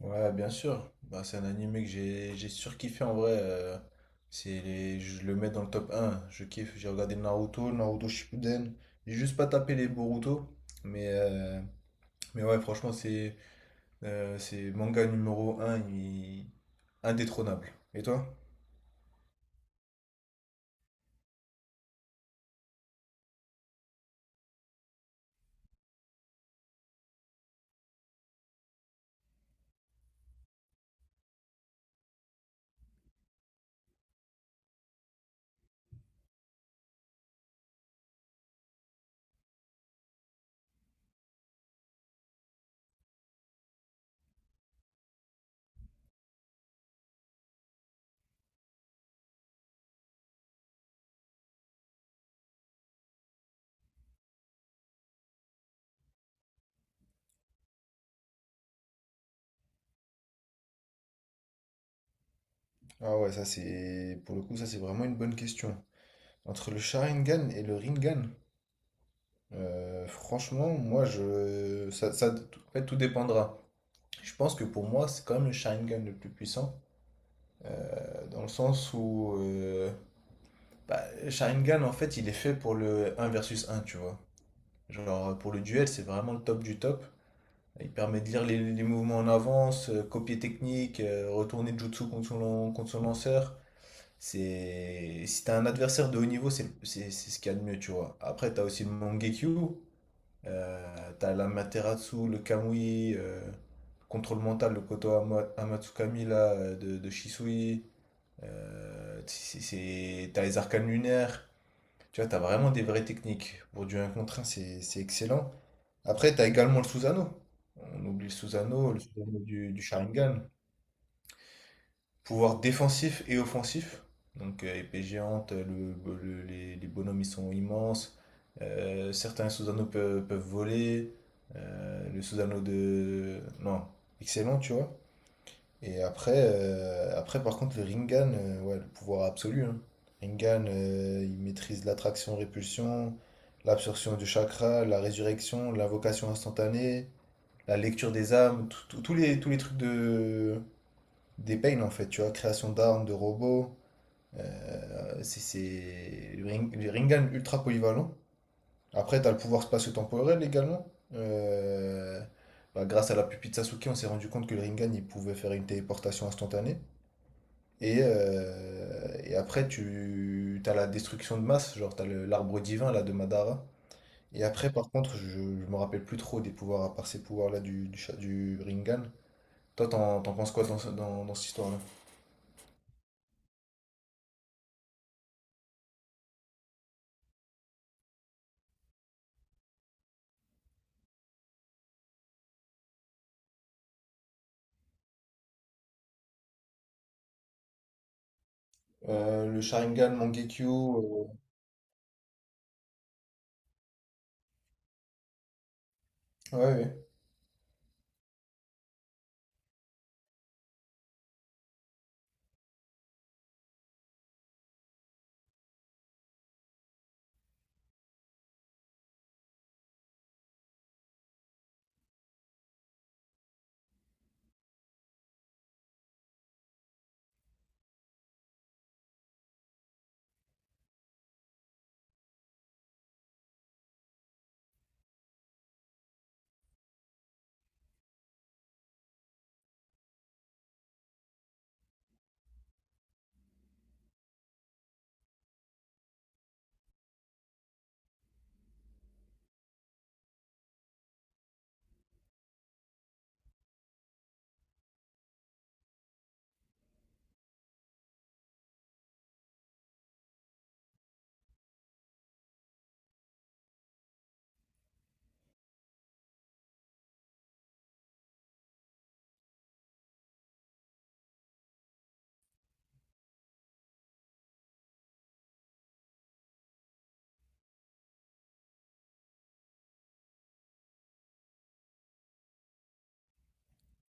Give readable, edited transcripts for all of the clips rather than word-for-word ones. Ouais, bien sûr. Bah, c'est un animé que j'ai surkiffé en vrai. C'est je le mets dans le top un. Je kiffe. J'ai regardé Naruto, Naruto Shippuden. J'ai juste pas tapé les Boruto. Mais, euh, mais ouais, franchement, c'est manga numéro un, indétrônable. Et toi? Ah ouais, ça c'est... Pour le coup, ça c'est vraiment une bonne question. Entre le Sharingan et le Rinnegan, franchement, moi je. En fait, tout dépendra. Je pense que pour moi, c'est quand même le Sharingan le plus puissant. Dans le sens où bah, Sharingan, en fait, il est fait pour le un versus un, tu vois. Genre, pour le duel, c'est vraiment le top du top. Il permet de lire les mouvements en avance, copier technique, retourner Jutsu contre son, contre son lanceur. C'est... Si t'as un adversaire de haut niveau, c'est ce qu'il y a de mieux, tu vois. Après, t'as aussi le Mangekyu, t'as l'Amaterasu, le Kamui, contrôle mental, le Amatsukami là, de Shisui. T'as les arcanes lunaires, tu vois, t'as vraiment des vraies techniques. Pour du un contre un, c'est excellent. Après, t'as également le sous-anneau. On oublie le sous-anneau du Sharingan. Pouvoir défensif et offensif. Donc, épée géante, les bonhommes, ils sont immenses. Certains sous-anneaux peuvent voler. Le sous-anneau de... Non, excellent, tu vois. Et après, par contre, le Rinnegan, ouais, le pouvoir absolu. Hein. Rinnegan, il maîtrise l'attraction-répulsion, l'absorption du chakra, la résurrection, l'invocation instantanée, la lecture des âmes, tous les trucs de, des Pain en fait, tu vois, création d'armes, de robots. Le Rinnegan, ultra polyvalent. Après, tu as le pouvoir spatio-temporel également. Euh, Bah, grâce à la pupille de Sasuke, on s'est rendu compte que le Rinnegan, il pouvait faire une téléportation instantanée. Et après, tu as la destruction de masse, genre tu as l'arbre divin là de Madara. Et après, par contre, je me rappelle plus trop des pouvoirs, à part ces pouvoirs-là du Rinnegan. Toi, t'en penses quoi dans, dans cette histoire-là? Le Sharingan, Mangekyo. euh, Ouais, ouais.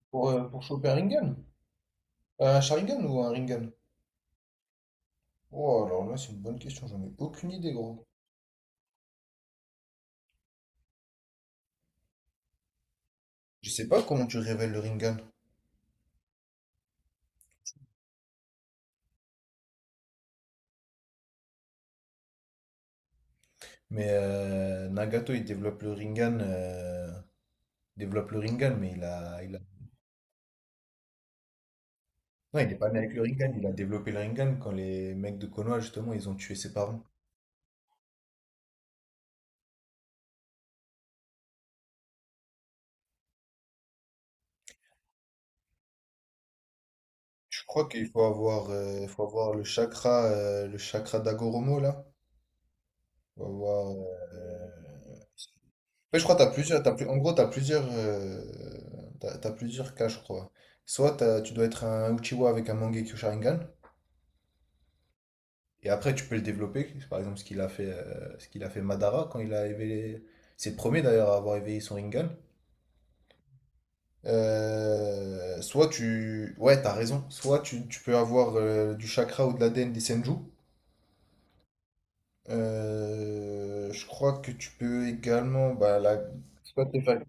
Pour choper un Rinnegan? Un Sharingan ou un Rinnegan? Oh, alors là, c'est une bonne question, j'en ai aucune idée, gros. Je sais pas comment tu révèles le Rinnegan, mais Nagato, il développe le Rinnegan, mais il a... Non, il n'est pas né avec le Rinnegan, il a développé le Rinnegan quand les mecs de Konoha, justement, ils ont tué ses parents. Je crois qu'il faut avoir le chakra d'Agoromo, là. Faut avoir, euh... Ouais, je crois que t'as plus... En gros, t'as plusieurs, t'as plusieurs cas, je crois. Tu dois être un Uchiwa avec un Mangekyo Sharingan, et après tu peux le développer. C'est... Par exemple, ce qu'il a fait, ce qu'il a fait Madara quand il a éveillé, c'est le premier d'ailleurs à avoir éveillé son Rinnegan. Soit tu... Ouais, t'as raison. Soit tu peux avoir du chakra ou de la l'ADN des Senju. Je crois que tu peux également... Bah, la... C'est pas tes facs.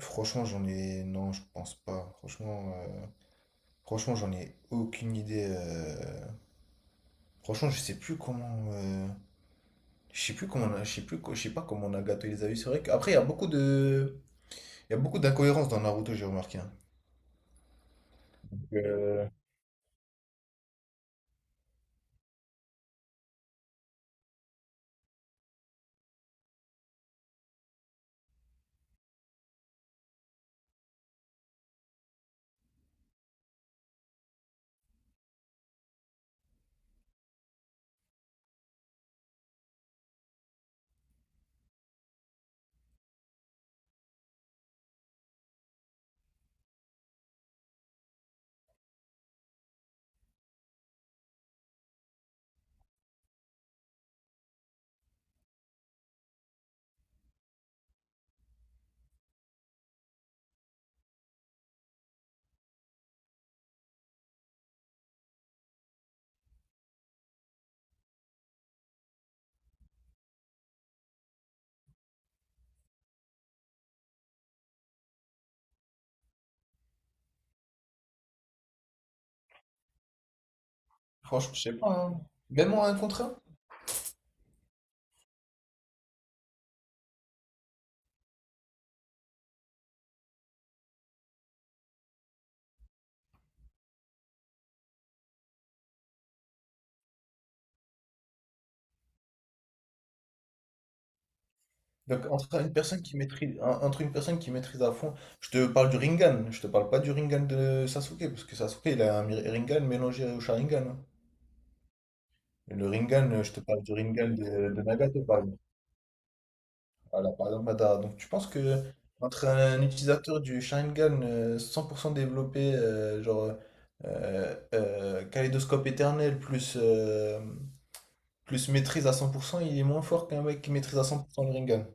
Franchement, j'en ai... Non, je pense pas. Franchement, j'en ai aucune idée. Franchement, je sais plus comment... Je sais plus comment on a... je sais pas comment Nagato les a eu. C'est vrai qu'après, il y a beaucoup de... Il y a beaucoup d'incohérences dans Naruto, j'ai remarqué. Hein. euh, Franchement, je sais pas. Hein. Même en un contre un. Donc, entre une personne qui maîtrise, entre une personne qui maîtrise à fond, je te parle du Rinnegan, je te parle pas du Rinnegan de Sasuke, parce que Sasuke, il a un Rinnegan mélangé au Sharingan. Hein. Et le Rinnegan, je te parle du Rinnegan de Nagato, par exemple. Voilà, par exemple, Madara. Donc, tu penses que entre un utilisateur du Sharingan 100% développé, Kaléidoscope éternel, plus, plus maîtrise à 100%, il est moins fort qu'un mec qui maîtrise à 100% le Rinnegan?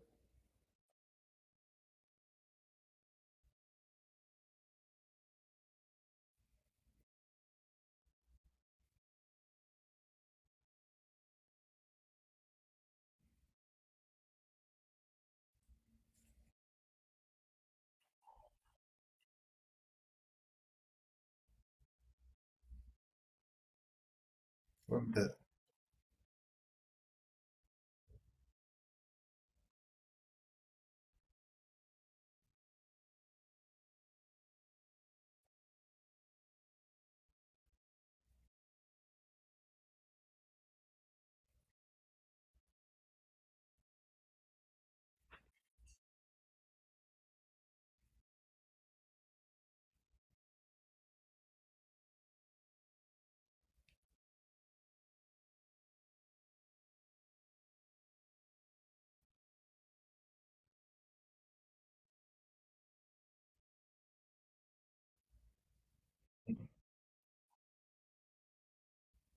Ouais.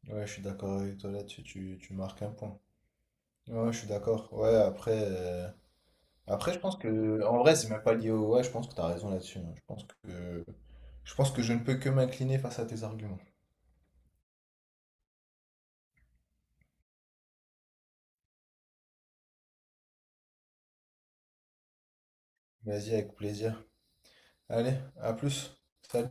Ouais, je suis d'accord avec toi là-dessus, tu marques un point. Ouais, je suis d'accord. Ouais, après, après, je pense que, en vrai, c'est même pas lié au... Ouais, je pense que t'as raison là-dessus. Hein. Je pense que je ne peux que m'incliner face à tes arguments. Vas-y, avec plaisir. Allez, à plus. Salut.